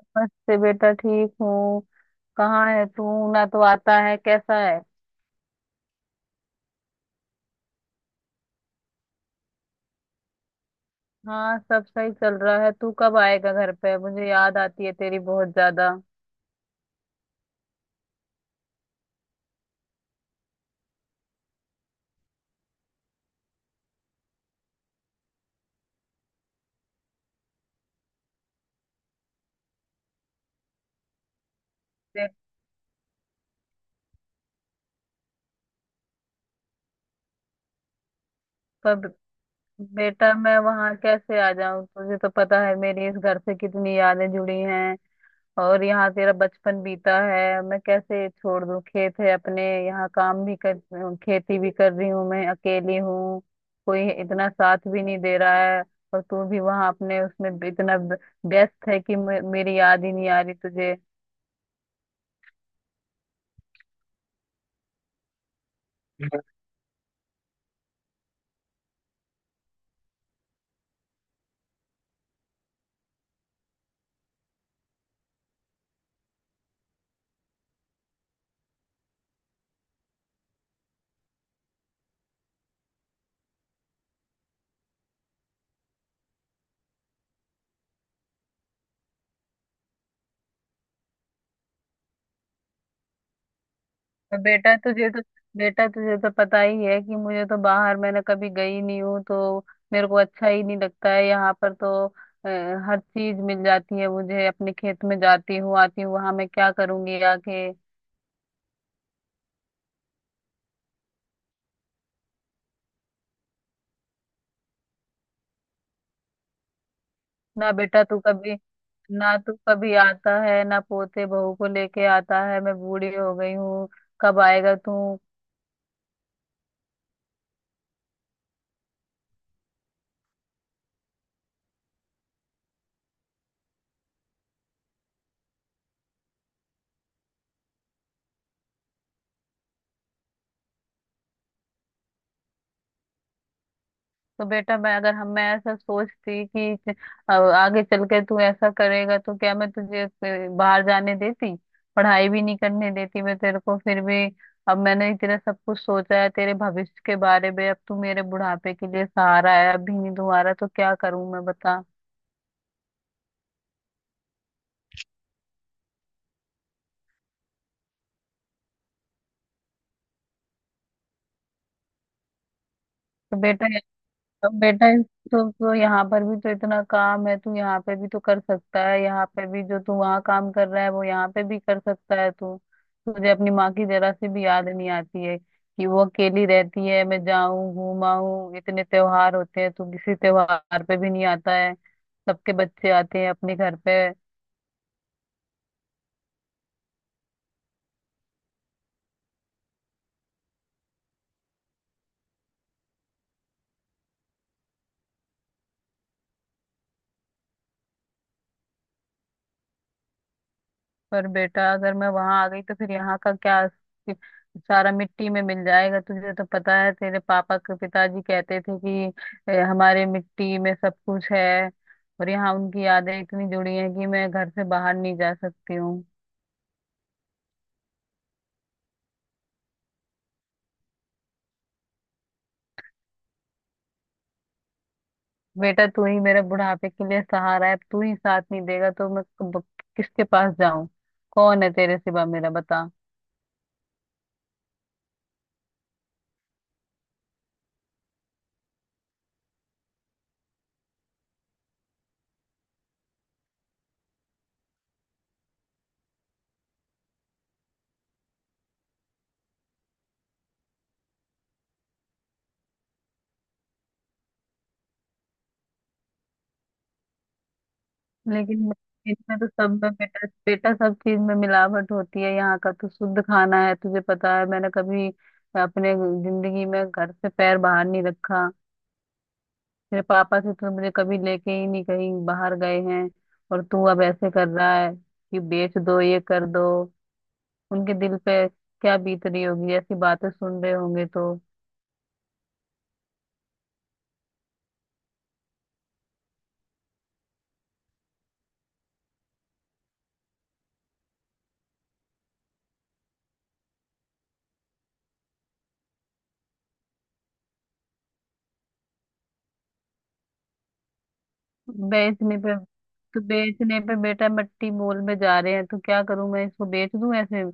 नमस्ते बेटा, ठीक हूँ। कहाँ है तू? ना तो आता है, कैसा है? हाँ, सब सही चल रहा है। तू कब आएगा घर पे? मुझे याद आती है तेरी बहुत ज्यादा। बे, पर बेटा, मैं वहाँ कैसे आ जाऊँ? तुझे तो पता है मेरी इस घर से कितनी यादें जुड़ी हैं। और यहाँ तेरा बचपन बीता है, मैं कैसे छोड़ दूँ? खेत है अपने, यहाँ काम भी कर, खेती भी कर रही हूँ, मैं अकेली हूँ। कोई इतना साथ भी नहीं दे रहा है। और तू भी वहाँ अपने उसमें इतना व्यस्त है कि मेरी याद ही नहीं आ रही तुझे। और बेटा तुझे तो, बेटा तुझे तो पता ही है कि मुझे तो बाहर, मैंने कभी गई नहीं हूँ, तो मेरे को अच्छा ही नहीं लगता है। यहाँ पर तो हर चीज मिल जाती है मुझे, अपने खेत में जाती हूँ आती हूँ। वहां मैं क्या करूंगी आके? ना बेटा, तू कभी ना, तू कभी आता है ना पोते बहू को लेके आता है। मैं बूढ़ी हो गई हूँ, कब आएगा तू? तो बेटा, मैं अगर हम मैं ऐसा सोचती कि आगे चल के तू ऐसा करेगा, तो क्या मैं तुझे बाहर जाने देती? पढ़ाई भी नहीं करने देती। मैं तेरे को फिर भी, अब मैंने तेरा सब कुछ सोचा है, तेरे भविष्य के बारे में। अब तू मेरे बुढ़ापे के लिए सहारा है, अभी नहीं तुम्हारा तो क्या करूं मैं, बता। तो बेटा, अब बेटा तो यहाँ पर भी तो इतना काम है, तू यहाँ पे भी तो कर सकता है। यहाँ पे भी जो तू वहाँ काम कर रहा है, वो यहाँ पे भी कर सकता है तू। तुझे अपनी माँ की जरा सी भी याद नहीं आती है कि वो अकेली रहती है? मैं जाऊं घूमाऊं, इतने त्योहार होते हैं, तू किसी त्योहार पे भी नहीं आता है। सबके बच्चे आते हैं अपने घर पे। पर बेटा, अगर मैं वहां आ गई तो फिर यहाँ का क्या? सारा मिट्टी में मिल जाएगा। तुझे तो पता है तेरे पापा के पिताजी कहते थे कि हमारे मिट्टी में सब कुछ है।" और यहाँ उनकी यादें इतनी जुड़ी हैं कि मैं घर से बाहर नहीं जा सकती हूँ। बेटा तू ही मेरे बुढ़ापे के लिए सहारा है, तू ही साथ नहीं देगा तो मैं किसके पास जाऊं? कौन है तेरे सिवा मेरा, बता। लेकिन इनमें तो सब में, बेटा बेटा, सब चीज में मिलावट होती है। यहाँ का तो शुद्ध खाना है। तुझे पता है मैंने कभी अपने जिंदगी में घर से पैर बाहर नहीं रखा। मेरे पापा से तो मुझे कभी लेके ही नहीं कहीं बाहर गए हैं। और तू अब ऐसे कर रहा है कि बेच दो, ये कर दो। उनके दिल पे क्या बीत रही होगी, ऐसी बातें सुन रहे होंगे तो। बेचने पे बेचने पे बेटा, मट्टी मोल में जा रहे हैं, तो क्या करूं मैं, इसको बेच दूं ऐसे?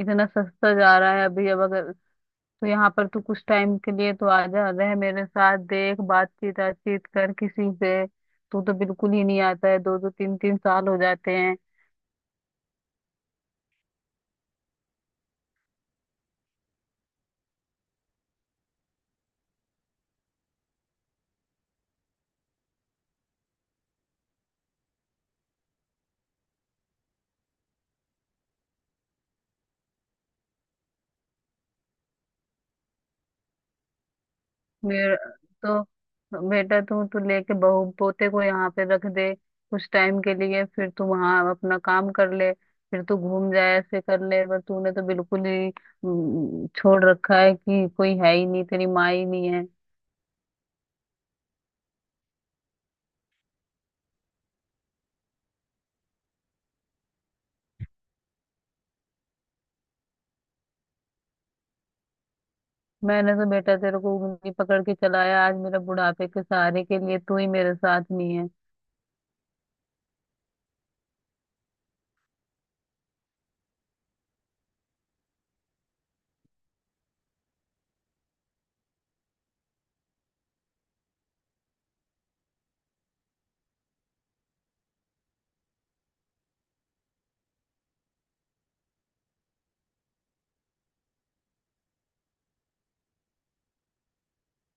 इतना सस्ता जा रहा है अभी। अब अगर, तो यहाँ पर तू कुछ टाइम के लिए तो आ जा, रह मेरे साथ, देख, बातचीत बातचीत कर किसी से। तू तो बिल्कुल ही नहीं आता है, दो दो तीन तीन साल हो जाते हैं। मेरे, तो बेटा तू तू लेके बहू पोते को यहाँ पे रख दे कुछ टाइम के लिए। फिर तू वहाँ अपना काम कर ले, फिर तू घूम जाए ऐसे कर ले। पर तूने तो बिल्कुल ही छोड़ रखा है कि कोई है ही नहीं, तेरी माँ ही नहीं है। मैंने तो बेटा तेरे को उंगली पकड़ के चलाया, आज मेरा बुढ़ापे के सहारे के लिए तू ही मेरे साथ नहीं है।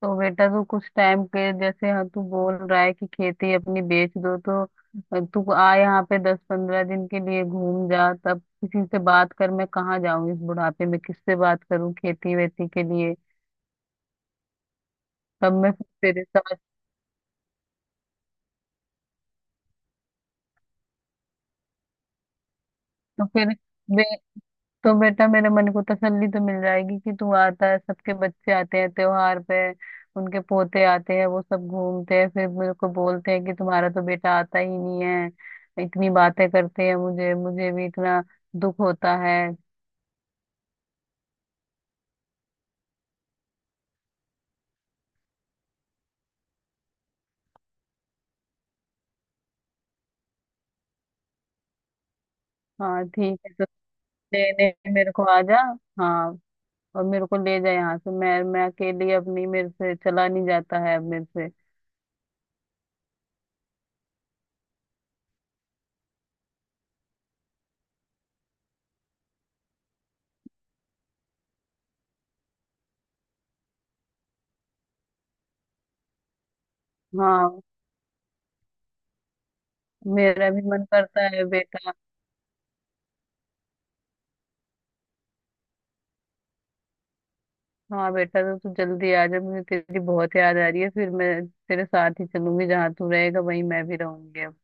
तो बेटा तू कुछ टाइम के जैसे, हाँ तू बोल रहा है कि खेती अपनी बेच दो, तो तू आ यहाँ पे, दस पंद्रह दिन के लिए घूम जा, तब किसी से बात कर। मैं कहाँ जाऊँ इस बुढ़ापे में, किससे बात करूँ खेती वेती के लिए? तब मैं फिर तेरे साथ, तो फिर, तो बेटा मेरे मन को तसल्ली तो मिल जाएगी कि तू आता है। सबके बच्चे आते हैं त्योहार पे, उनके पोते आते हैं, वो सब घूमते हैं। फिर मेरे को बोलते हैं कि तुम्हारा तो बेटा आता ही नहीं है, इतनी बातें करते हैं मुझे। मुझे भी इतना दुख होता है। हाँ, ठीक है तो, लेने मेरे को आ जा। हाँ, और मेरे को ले जा यहाँ से। मैं अकेली अब नहीं, मेरे से चला नहीं जाता है अब मेरे से। हाँ, मेरा भी मन करता है बेटा। हाँ बेटा, तो तू जल्दी आ जा, मुझे तेरी बहुत याद आ रही है। फिर मैं तेरे साथ ही चलूंगी, जहाँ तू रहेगा वहीं मैं भी रहूंगी अब।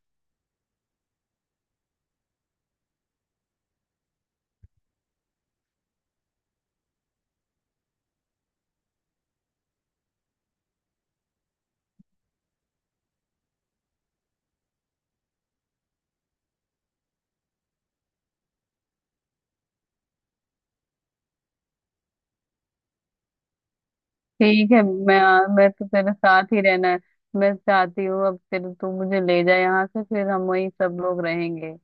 ठीक है, मैं तो तेरे साथ ही रहना है। मैं चाहती हूँ अब तेरे, तू मुझे ले जाए यहाँ से, फिर हम वहीं सब लोग रहेंगे।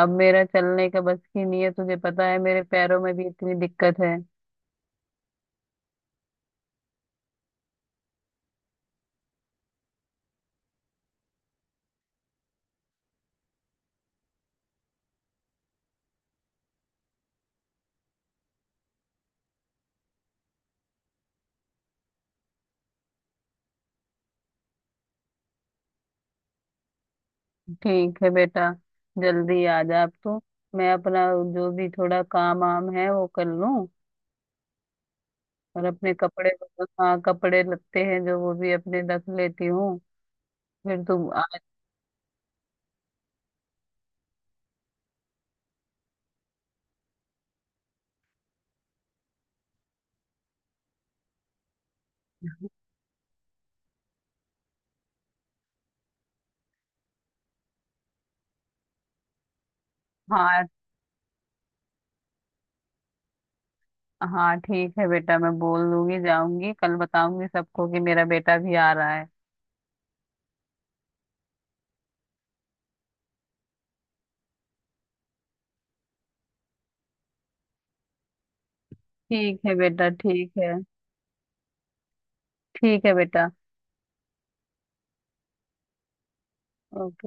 अब मेरा चलने का बस की नहीं है, तुझे पता है मेरे पैरों में भी इतनी दिक्कत है। ठीक है बेटा, जल्दी आ जा अब तो। मैं अपना जो भी थोड़ा काम वाम है वो कर लूँ, और अपने कपड़े, हाँ कपड़े लगते हैं जो वो भी अपने रख लेती हूँ। फिर तुम आ- हाँ, हाँ ठीक है बेटा, मैं बोल दूंगी, जाऊंगी कल बताऊंगी सबको कि मेरा बेटा भी आ रहा है। ठीक है बेटा, ठीक है। ठीक है बेटा। ओके।